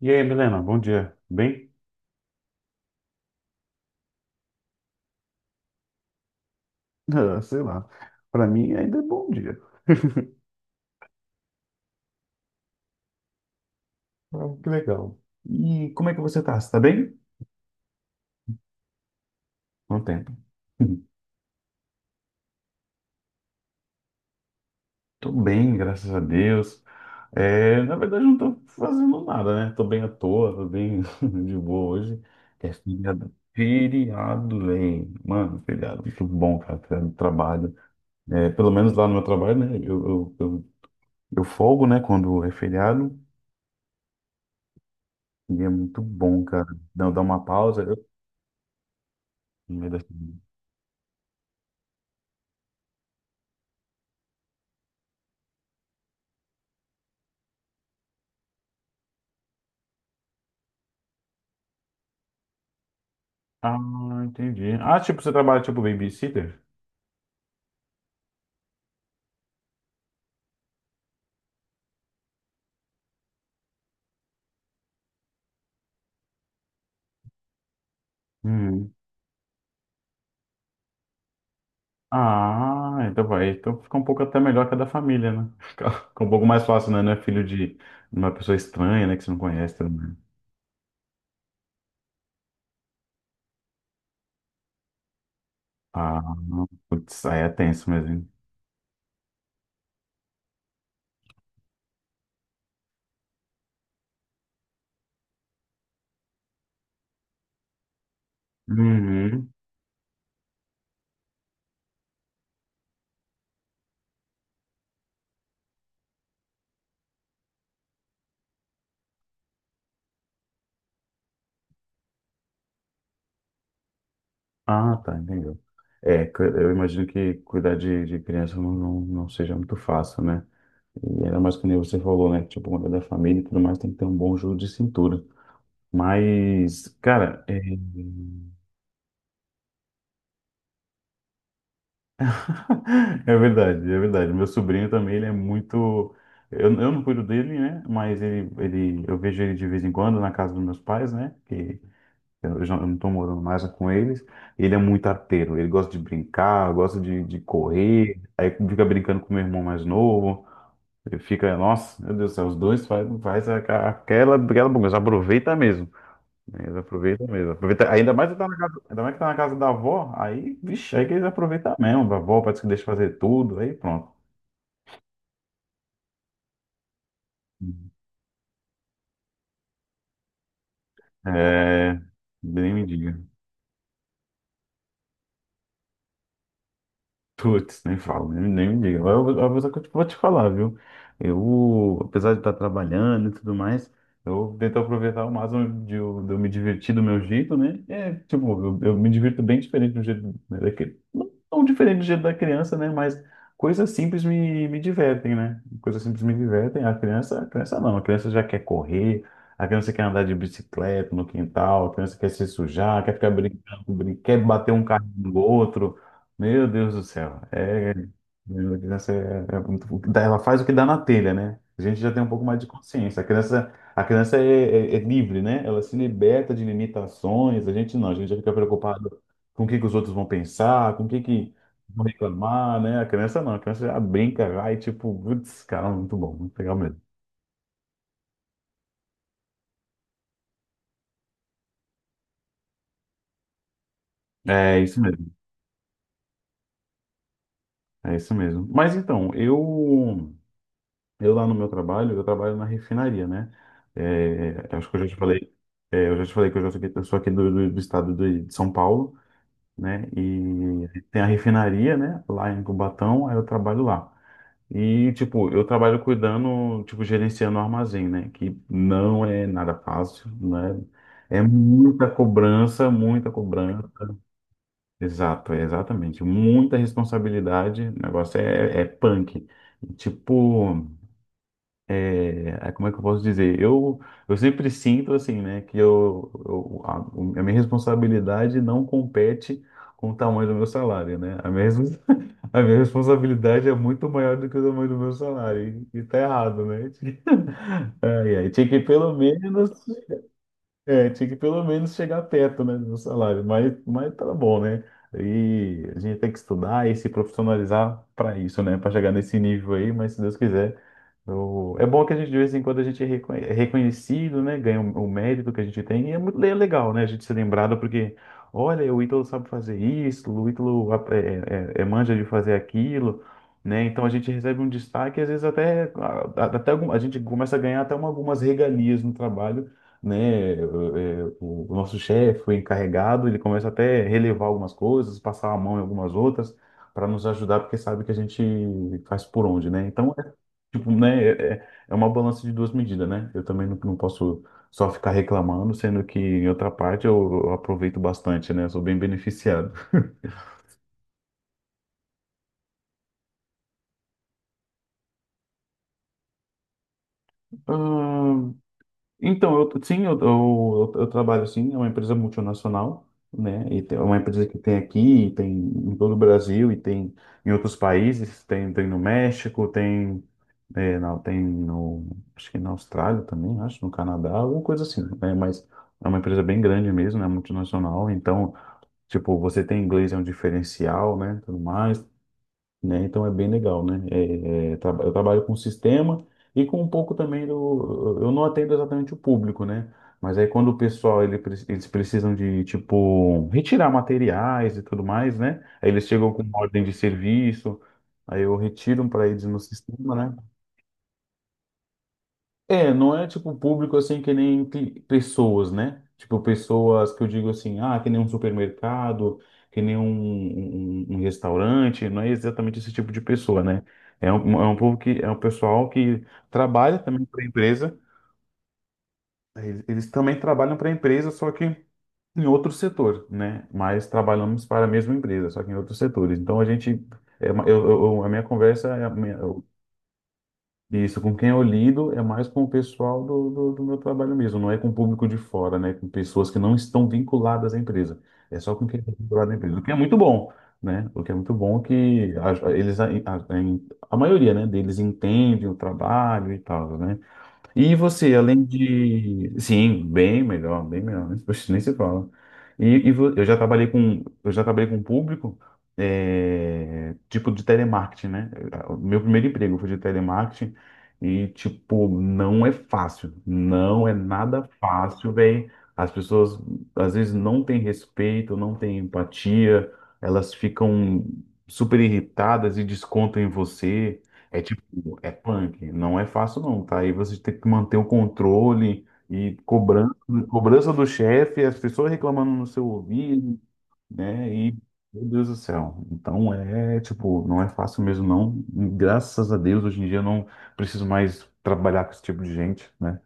E aí, Milena, bom dia. Bem? Ah, sei lá. Para mim ainda é bom dia. Ah, que legal. E como é que você tá? Você tá bem? Quanto tempo? Tô bem, graças a Deus. Na verdade, não tô fazendo nada, né? Tô bem à toa, tô bem de boa hoje. É feriado, feriado, velho. Mano, feriado, muito bom, cara, feriado do trabalho. É, pelo menos lá no meu trabalho, né? Eu folgo, né, quando é feriado. E é muito bom, cara. Dá uma pausa. Eu... no meio da semana. Ah, entendi. Ah, tipo, você trabalha tipo babysitter? Uhum. Ah, então vai. Então fica um pouco até melhor que a da família, né? Fica um pouco mais fácil, né? Não é filho de uma pessoa estranha, né? Que você não conhece também. Ah, putz, aí é tenso mesmo. Hein? Uhum. Ah, tá, entendeu. Eu imagino que cuidar de criança não seja muito fácil, né? E ainda mais que nem você falou, né? Tipo, quando é da família e tudo mais, tem que ter um bom jogo de cintura. Mas, cara, é. É verdade, é verdade. Meu sobrinho também, ele é muito. Eu não cuido dele, né? Mas eu vejo ele de vez em quando na casa dos meus pais, né? Que eu não tô morando mais com eles. Ele é muito arteiro. Ele gosta de brincar, gosta de correr. Aí fica brincando com meu irmão mais novo. Ele fica, nossa, meu Deus do céu, os dois faz, aquela bagunça. Aproveita mesmo. Eles aproveitam mesmo. Aproveita, ainda mais que tá na casa, ainda mais que tá na casa da avó, aí, vixe, aí que eles aproveitam mesmo. A avó parece que deixa fazer tudo, aí pronto. É, nem me diga. Putz, nem falo, nem me diga. Eu vou te falar, viu? Eu, apesar de estar trabalhando e tudo mais, eu tento aproveitar o máximo de eu me divertir do meu jeito, né? É, tipo, eu me divirto bem diferente do jeito né, daquele. Não tão diferente do jeito da criança, né? Mas coisas simples me divertem, né? Coisas simples me divertem. A criança não, a criança já quer correr, a criança quer andar de bicicleta no quintal, a criança quer se sujar, quer ficar brincando, quer bater um carro no outro. Meu Deus do céu. A criança é, ela faz o que dá na telha, né? A gente já tem um pouco mais de consciência. A criança é livre, né? Ela se liberta de limitações. A gente não, a gente já fica preocupado com o que que os outros vão pensar, com o que que vão reclamar, né? A criança não, a criança já brinca, vai, tipo, putz, cara, muito bom, muito legal mesmo. É isso mesmo, é isso mesmo. Mas então, eu lá no meu trabalho, eu trabalho na refinaria, né? É, acho que eu já te falei, é, eu já te falei que eu, já sou aqui, eu sou aqui do estado de São Paulo, né? E tem a refinaria, né? Lá em Cubatão, aí eu trabalho lá. E, tipo, eu trabalho cuidando, tipo, gerenciando o armazém, né? Que não é nada fácil, né? É muita cobrança, muita cobrança. Exato, é exatamente. Muita responsabilidade. O negócio é punk. Tipo. Como é que eu posso dizer? Eu sempre sinto assim, né, que a minha responsabilidade não compete com o tamanho do meu salário, né? A minha responsabilidade é muito maior do que o tamanho do meu salário, e tá errado, né? Ai, tinha que pelo menos, é, tinha que pelo menos chegar perto, né, do meu salário, mas tá bom, né? E a gente tem que estudar e se profissionalizar para isso, né? Para chegar nesse nível aí, mas se Deus quiser. É bom que a gente, de vez em quando, a gente é é reconhecido, né? Ganha o mérito que a gente tem. E é muito legal, né? A gente ser lembrado porque, olha, o Ítalo sabe fazer isso, o Ítalo é manja de fazer aquilo, né? Então a gente recebe um destaque, e às vezes até a gente começa a ganhar até algumas regalias no trabalho, né? O nosso chefe, o encarregado, ele começa até a relevar algumas coisas, passar a mão em algumas outras, para nos ajudar, porque sabe que a gente faz por onde, né? Então tipo, né, é uma balança de duas medidas, né? Eu também não posso só ficar reclamando, sendo que em outra parte eu aproveito bastante, né? Eu sou bem beneficiado. Ah, então, eu, sim, eu trabalho assim, é uma empresa multinacional, né? É uma empresa que tem aqui, tem em todo o Brasil e tem em outros países, tem no México, tem, é, não, tem no, acho que na Austrália também, acho, no Canadá, alguma coisa assim, né? Mas é uma empresa bem grande mesmo, né? Multinacional, então tipo, você tem inglês é um diferencial, né? Tudo mais, né? Então é bem legal, né? Eu trabalho com sistema e com um pouco também do. Eu não atendo exatamente o público, né? Mas aí quando o pessoal eles precisam de tipo retirar materiais e tudo mais, né? Aí eles chegam com uma ordem de serviço, aí eu retiro para eles no sistema, né? É, não é tipo público assim que nem pessoas, né? Tipo pessoas que eu digo assim, ah, que nem um supermercado, que nem um, um restaurante, não é exatamente esse tipo de pessoa, né? É um povo que é um pessoal que trabalha também para a empresa, eles também trabalham para a empresa, só que em outro setor, né? Mas trabalhamos para a mesma empresa, só que em outros setores. Então a gente, a minha conversa, isso, com quem eu lido é mais com o pessoal do meu trabalho mesmo, não é com o público de fora, né? Com pessoas que não estão vinculadas à empresa. É só com quem está vinculado à empresa, o que é muito bom, né? O que é muito bom que a maioria, né, deles entende o trabalho e tal, né? E você, além de. Sim, bem melhor, bem melhor. Né? Poxa, nem se fala. Eu já trabalhei com. Eu já trabalhei com um público, é, tipo de telemarketing, né? O meu primeiro emprego foi de telemarketing e, tipo, não é fácil. Não é nada fácil, velho. As pessoas às vezes não têm respeito, não têm empatia, elas ficam super irritadas e descontam em você. É é punk, não é fácil não, tá? Aí você tem que manter o controle e cobrança, cobrança do chefe, as pessoas reclamando no seu ouvido, né? E, meu Deus do céu. Então é, tipo, não é fácil mesmo não. Graças a Deus, hoje em dia eu não preciso mais trabalhar com esse tipo de gente, né?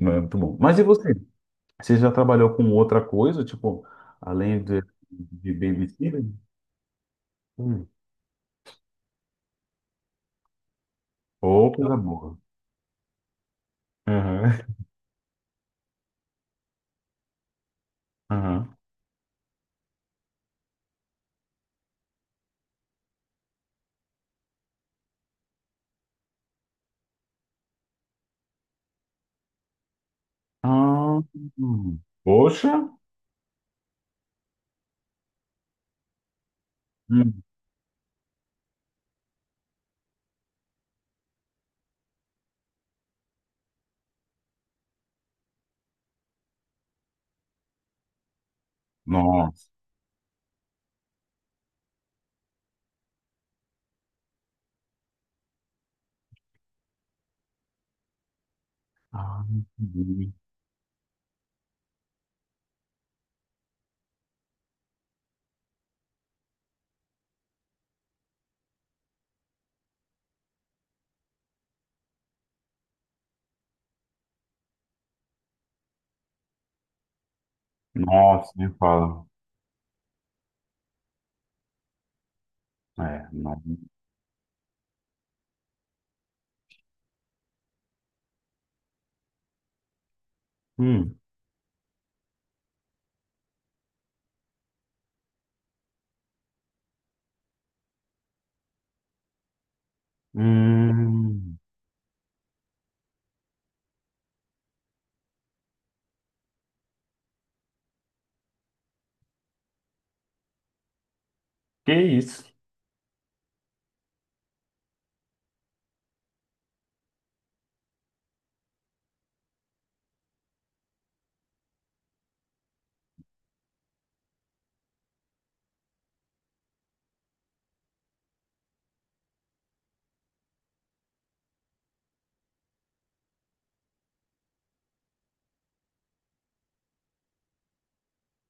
Não é muito bom. Mas e você? Você já trabalhou com outra coisa, tipo, além de babysitter? Hum. Ô, coisa boa. Aham, aham. Ah. Poxa. Hum. Nossa. Ah, entendi. Nossa, nem fala. É, não. Hum. Hum. Que isso?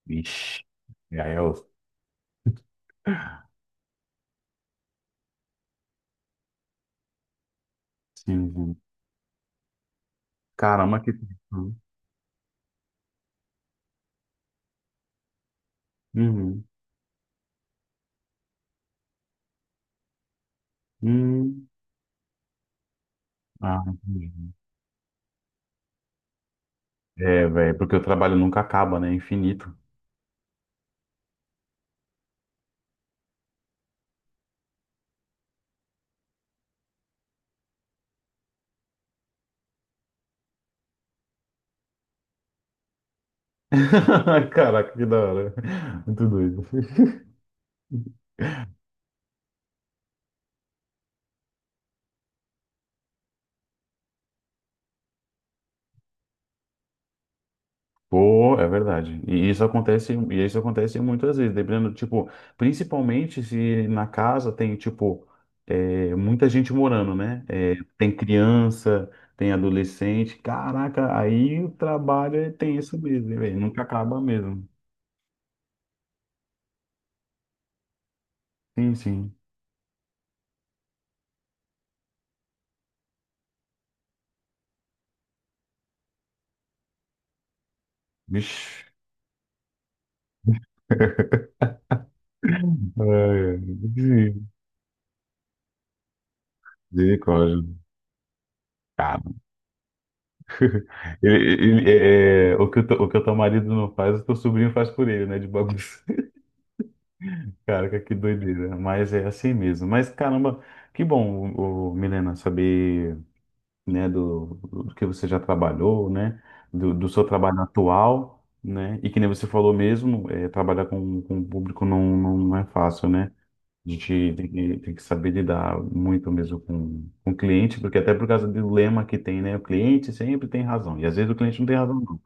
Ixi. E aí, eu... Sim. Caramba, que triste. Uhum. Hum. Ah, entendi. É, velho, porque o trabalho nunca acaba, né? É infinito. Caraca, que da hora. Muito doido. Pô, é verdade. E isso acontece muitas vezes, dependendo, tipo, principalmente se na casa tem, tipo, é, muita gente morando, né? É, tem criança, tem adolescente. Caraca, aí o tem isso mesmo, né, velho? Nunca acaba mesmo. Sim, sim. Vixe. Ai, ai. Misericórdia. Cara. Ele, o que o que o teu marido não faz, o teu sobrinho faz por ele, né? De bagunça. Cara que doideira. Mas é assim mesmo. Mas caramba, que bom, o, Milena, saber, né, do que você já trabalhou, né, do seu trabalho atual, né, e que nem você falou mesmo, é, trabalhar com o público não é fácil, né? A gente tem que saber lidar muito mesmo com o cliente, porque até por causa do lema que tem, né, o cliente sempre tem razão. E às vezes o cliente não tem razão, não,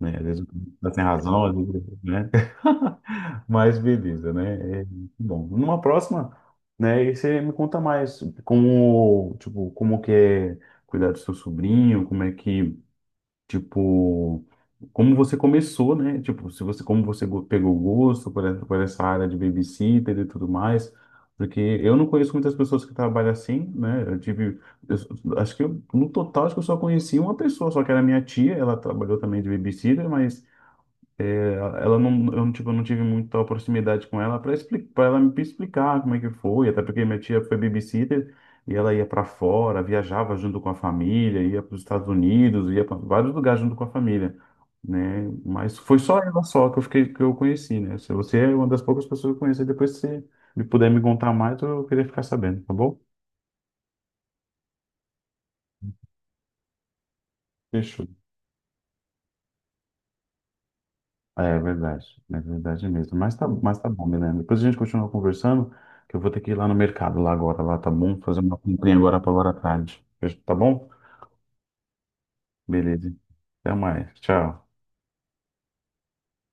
né? Às vezes o cliente tá sem razão, às vezes, né? Mas beleza, né? É muito bom. Numa próxima, né? E você me conta mais como, tipo, como que é cuidar do seu sobrinho, como é que, tipo, como você começou, né? Tipo, se você, como você pegou o gosto por essa área de babysitter e tudo mais. Porque eu não conheço muitas pessoas que trabalham assim, né? Eu tive, acho que eu, no total, acho que eu só conheci uma pessoa, só que era minha tia, ela trabalhou também de babysitter, mas ela não, eu, não, tipo, eu não tive muita proximidade com ela para explicar, para ela me explicar como é que foi, até porque minha tia foi babysitter e ela ia para fora, viajava junto com a família, ia para os Estados Unidos, ia para vários lugares junto com a família, né? Mas foi só ela só que eu fiquei, que eu conheci, né? Se você é uma das poucas pessoas que eu conheci. Depois, se me puder me contar mais, eu queria ficar sabendo, tá bom? Fechou. É verdade, é verdade mesmo. Mas tá bom, Milena. Depois a gente continua conversando, que eu vou ter que ir lá no mercado lá agora, lá tá bom? Fazer uma comprinha agora para agora à tarde. Tá bom? Beleza. Até mais. Tchau.